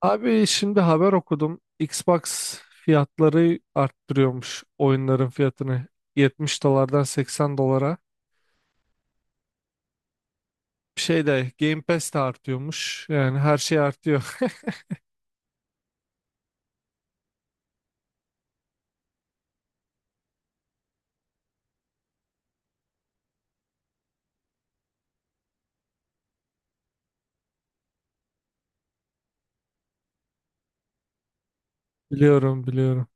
Abi, şimdi haber okudum. Xbox fiyatları arttırıyormuş oyunların fiyatını. 70 dolardan 80 dolara. Bir şey de Game Pass de artıyormuş. Yani her şey artıyor. Biliyorum, biliyorum.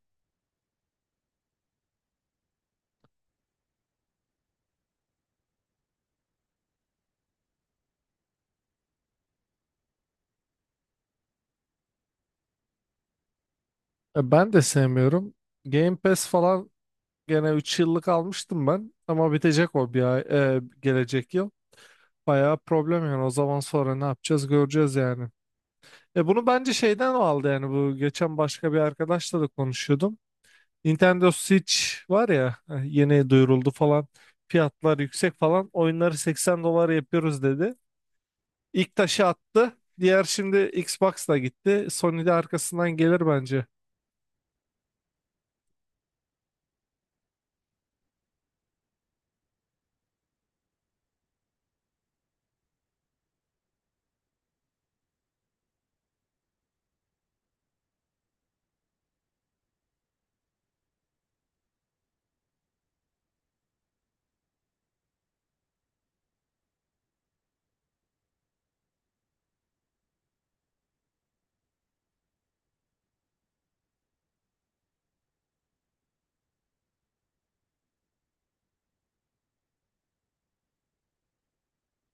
E, ben de sevmiyorum. Game Pass falan gene 3 yıllık almıştım ben. Ama bitecek o bir ay, gelecek yıl. Bayağı problem yani. O zaman sonra ne yapacağız, göreceğiz yani. E, bunu bence şeyden aldı yani, bu geçen başka bir arkadaşla da konuşuyordum. Nintendo Switch var ya, yeni duyuruldu falan. Fiyatlar yüksek falan. Oyunları 80 dolar yapıyoruz dedi. İlk taşı attı. Diğer şimdi Xbox'la gitti. Sony de arkasından gelir bence.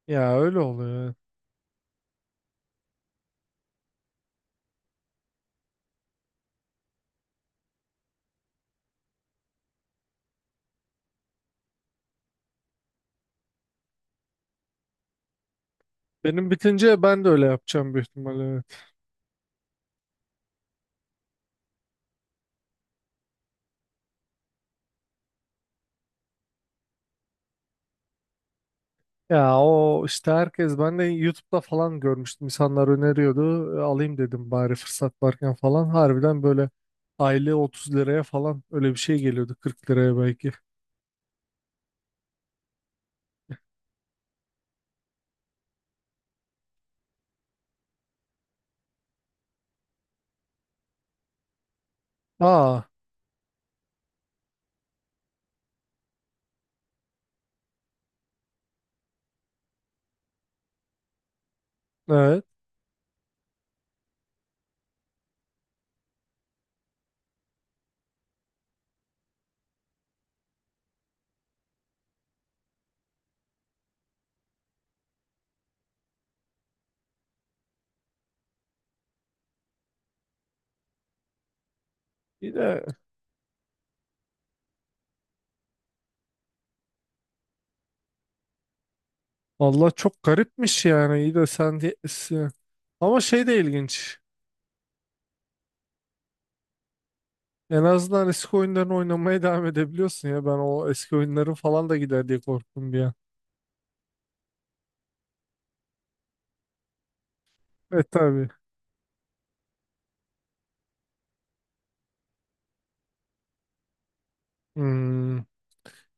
Ya öyle oluyor, evet. Benim bitince ben de öyle yapacağım büyük ihtimalle, evet. Ya, o işte, herkes ben de YouTube'da falan görmüştüm. İnsanlar öneriyordu. E, alayım dedim bari fırsat varken falan. Harbiden böyle aylığı 30 liraya falan öyle bir şey geliyordu. 40 liraya belki. Aa, evet. Yine, valla çok garipmiş yani. İyi de sen diye... Ama şey de ilginç. En azından eski oyunlarını oynamaya devam edebiliyorsun ya. Ben o eski oyunların falan da gider diye korktum bir an. E tabii. Hmm.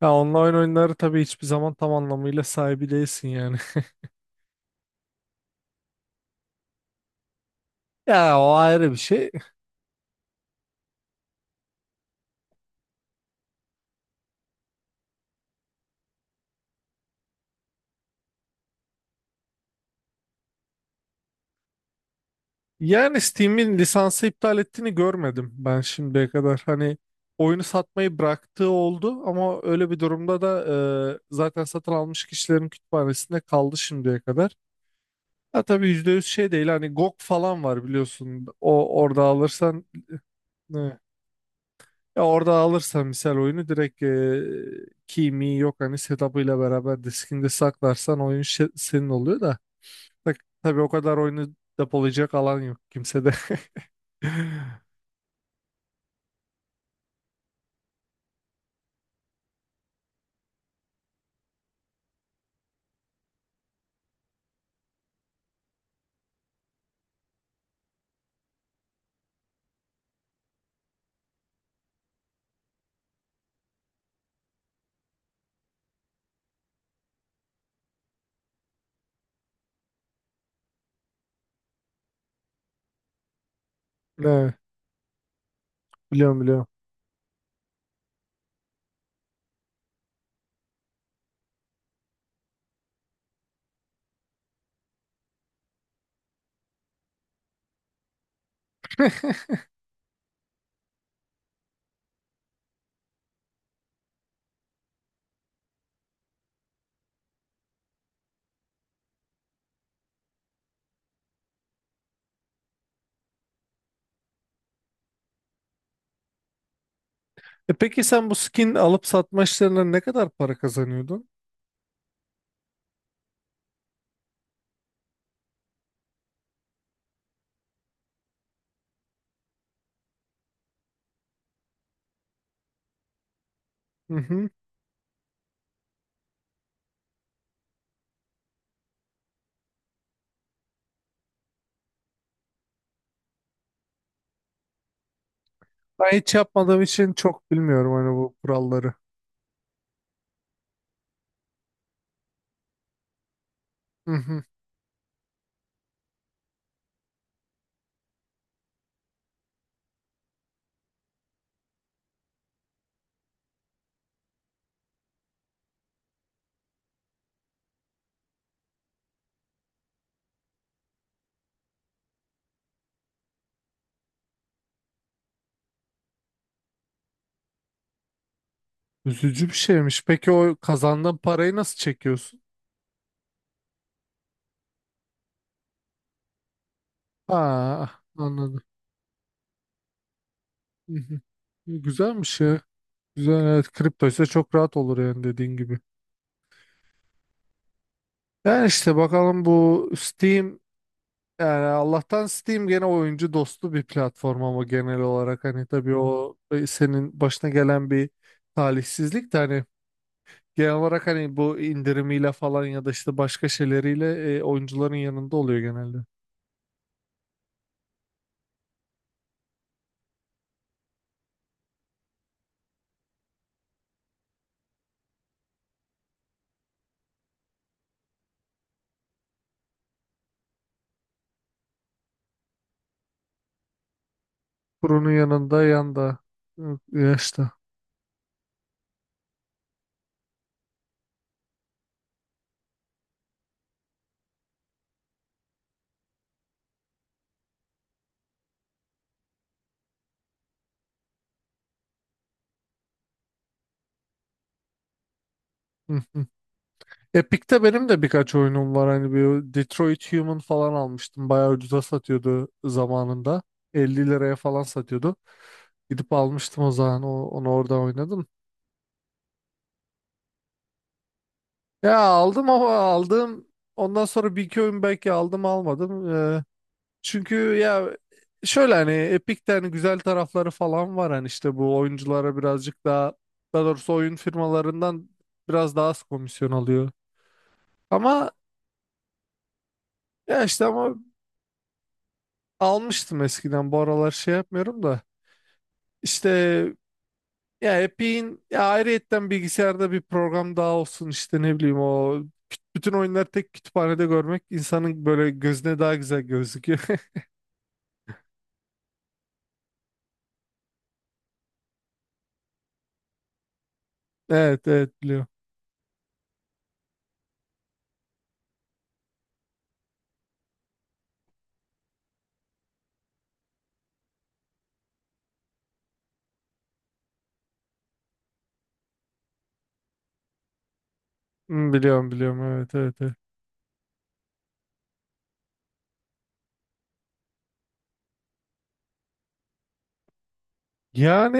Ya, online oyunları tabii hiçbir zaman tam anlamıyla sahibi değilsin yani. Ya, o ayrı bir şey. Yani Steam'in lisansı iptal ettiğini görmedim ben şimdiye kadar. Hani, oyunu satmayı bıraktığı oldu, ama öyle bir durumda da zaten satın almış kişilerin kütüphanesinde kaldı şimdiye kadar. Ha, tabii %100 şey değil, hani GOG falan var biliyorsun. O, orada alırsan ne? Ya, orada alırsan misal oyunu direkt key mi yok, hani setup'ıyla beraber diskinde saklarsan oyun senin oluyor da. Tak, tabii o kadar oyunu depolayacak alan yok kimsede. Ne? Biliyorum, biliyorum. E, peki sen bu skin alıp satma işlerinden ne kadar para kazanıyordun? Hı hı. Ben hiç yapmadığım için çok bilmiyorum hani bu kuralları. Hı hı. Üzücü bir şeymiş. Peki o kazandığın parayı nasıl çekiyorsun? Ha, anladım. Hı hı. E, güzelmiş ya. Güzel, evet. Kripto ise çok rahat olur yani, dediğin gibi. Yani işte bakalım, bu Steam, yani Allah'tan Steam gene oyuncu dostu bir platform, ama genel olarak hani, tabii o senin başına gelen bir talihsizlik de hani, genel olarak hani bu indirimiyle falan ya da işte başka şeyleriyle oyuncuların yanında oluyor genelde. Kurunun yanında yanda yaşta. Hı hı. Epic'te benim de birkaç oyunum var. Hani bir Detroit Human falan almıştım. Bayağı ucuza satıyordu zamanında. 50 liraya falan satıyordu. Gidip almıştım o zaman. Onu orada oynadım. Ya, aldım ama aldım. Ondan sonra bir iki oyun belki aldım, almadım. Çünkü ya, şöyle, hani Epic'te hani güzel tarafları falan var. Hani işte bu oyunculara birazcık daha, daha doğrusu oyun firmalarından biraz daha az komisyon alıyor. Ama, ya işte ama almıştım eskiden, bu aralar şey yapmıyorum da işte, ya Epic'in ya ayrıyetten bilgisayarda bir program daha olsun, işte ne bileyim, o bütün oyunları tek kütüphanede görmek insanın böyle gözüne daha güzel gözüküyor. Evet evet, biliyorum. Hmm, biliyorum, biliyorum, evet evet evet. Yani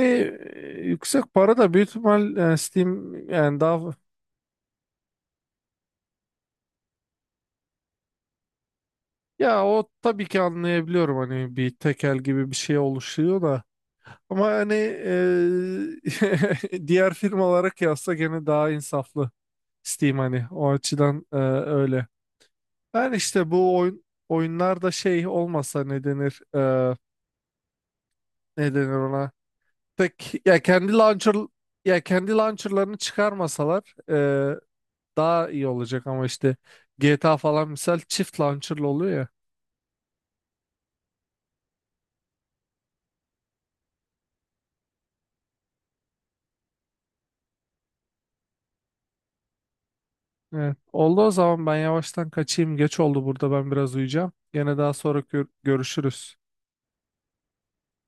yüksek para da büyük ihtimal, yani Steam yani daha, ya o tabii ki anlayabiliyorum hani bir tekel gibi bir şey oluşuyor da. Ama hani, diğer firmalara kıyasla gene daha insaflı Steam hani o açıdan, öyle. Ben işte bu oyun oyunlarda şey olmasa, ne denir ne denir ona? Tek ya kendi launcher, ya kendi launcherlarını çıkarmasalar daha iyi olacak, ama işte GTA falan misal çift launcherlı oluyor ya. Evet. Oldu, o zaman ben yavaştan kaçayım. Geç oldu, burada ben biraz uyuyacağım. Gene daha sonra görüşürüz.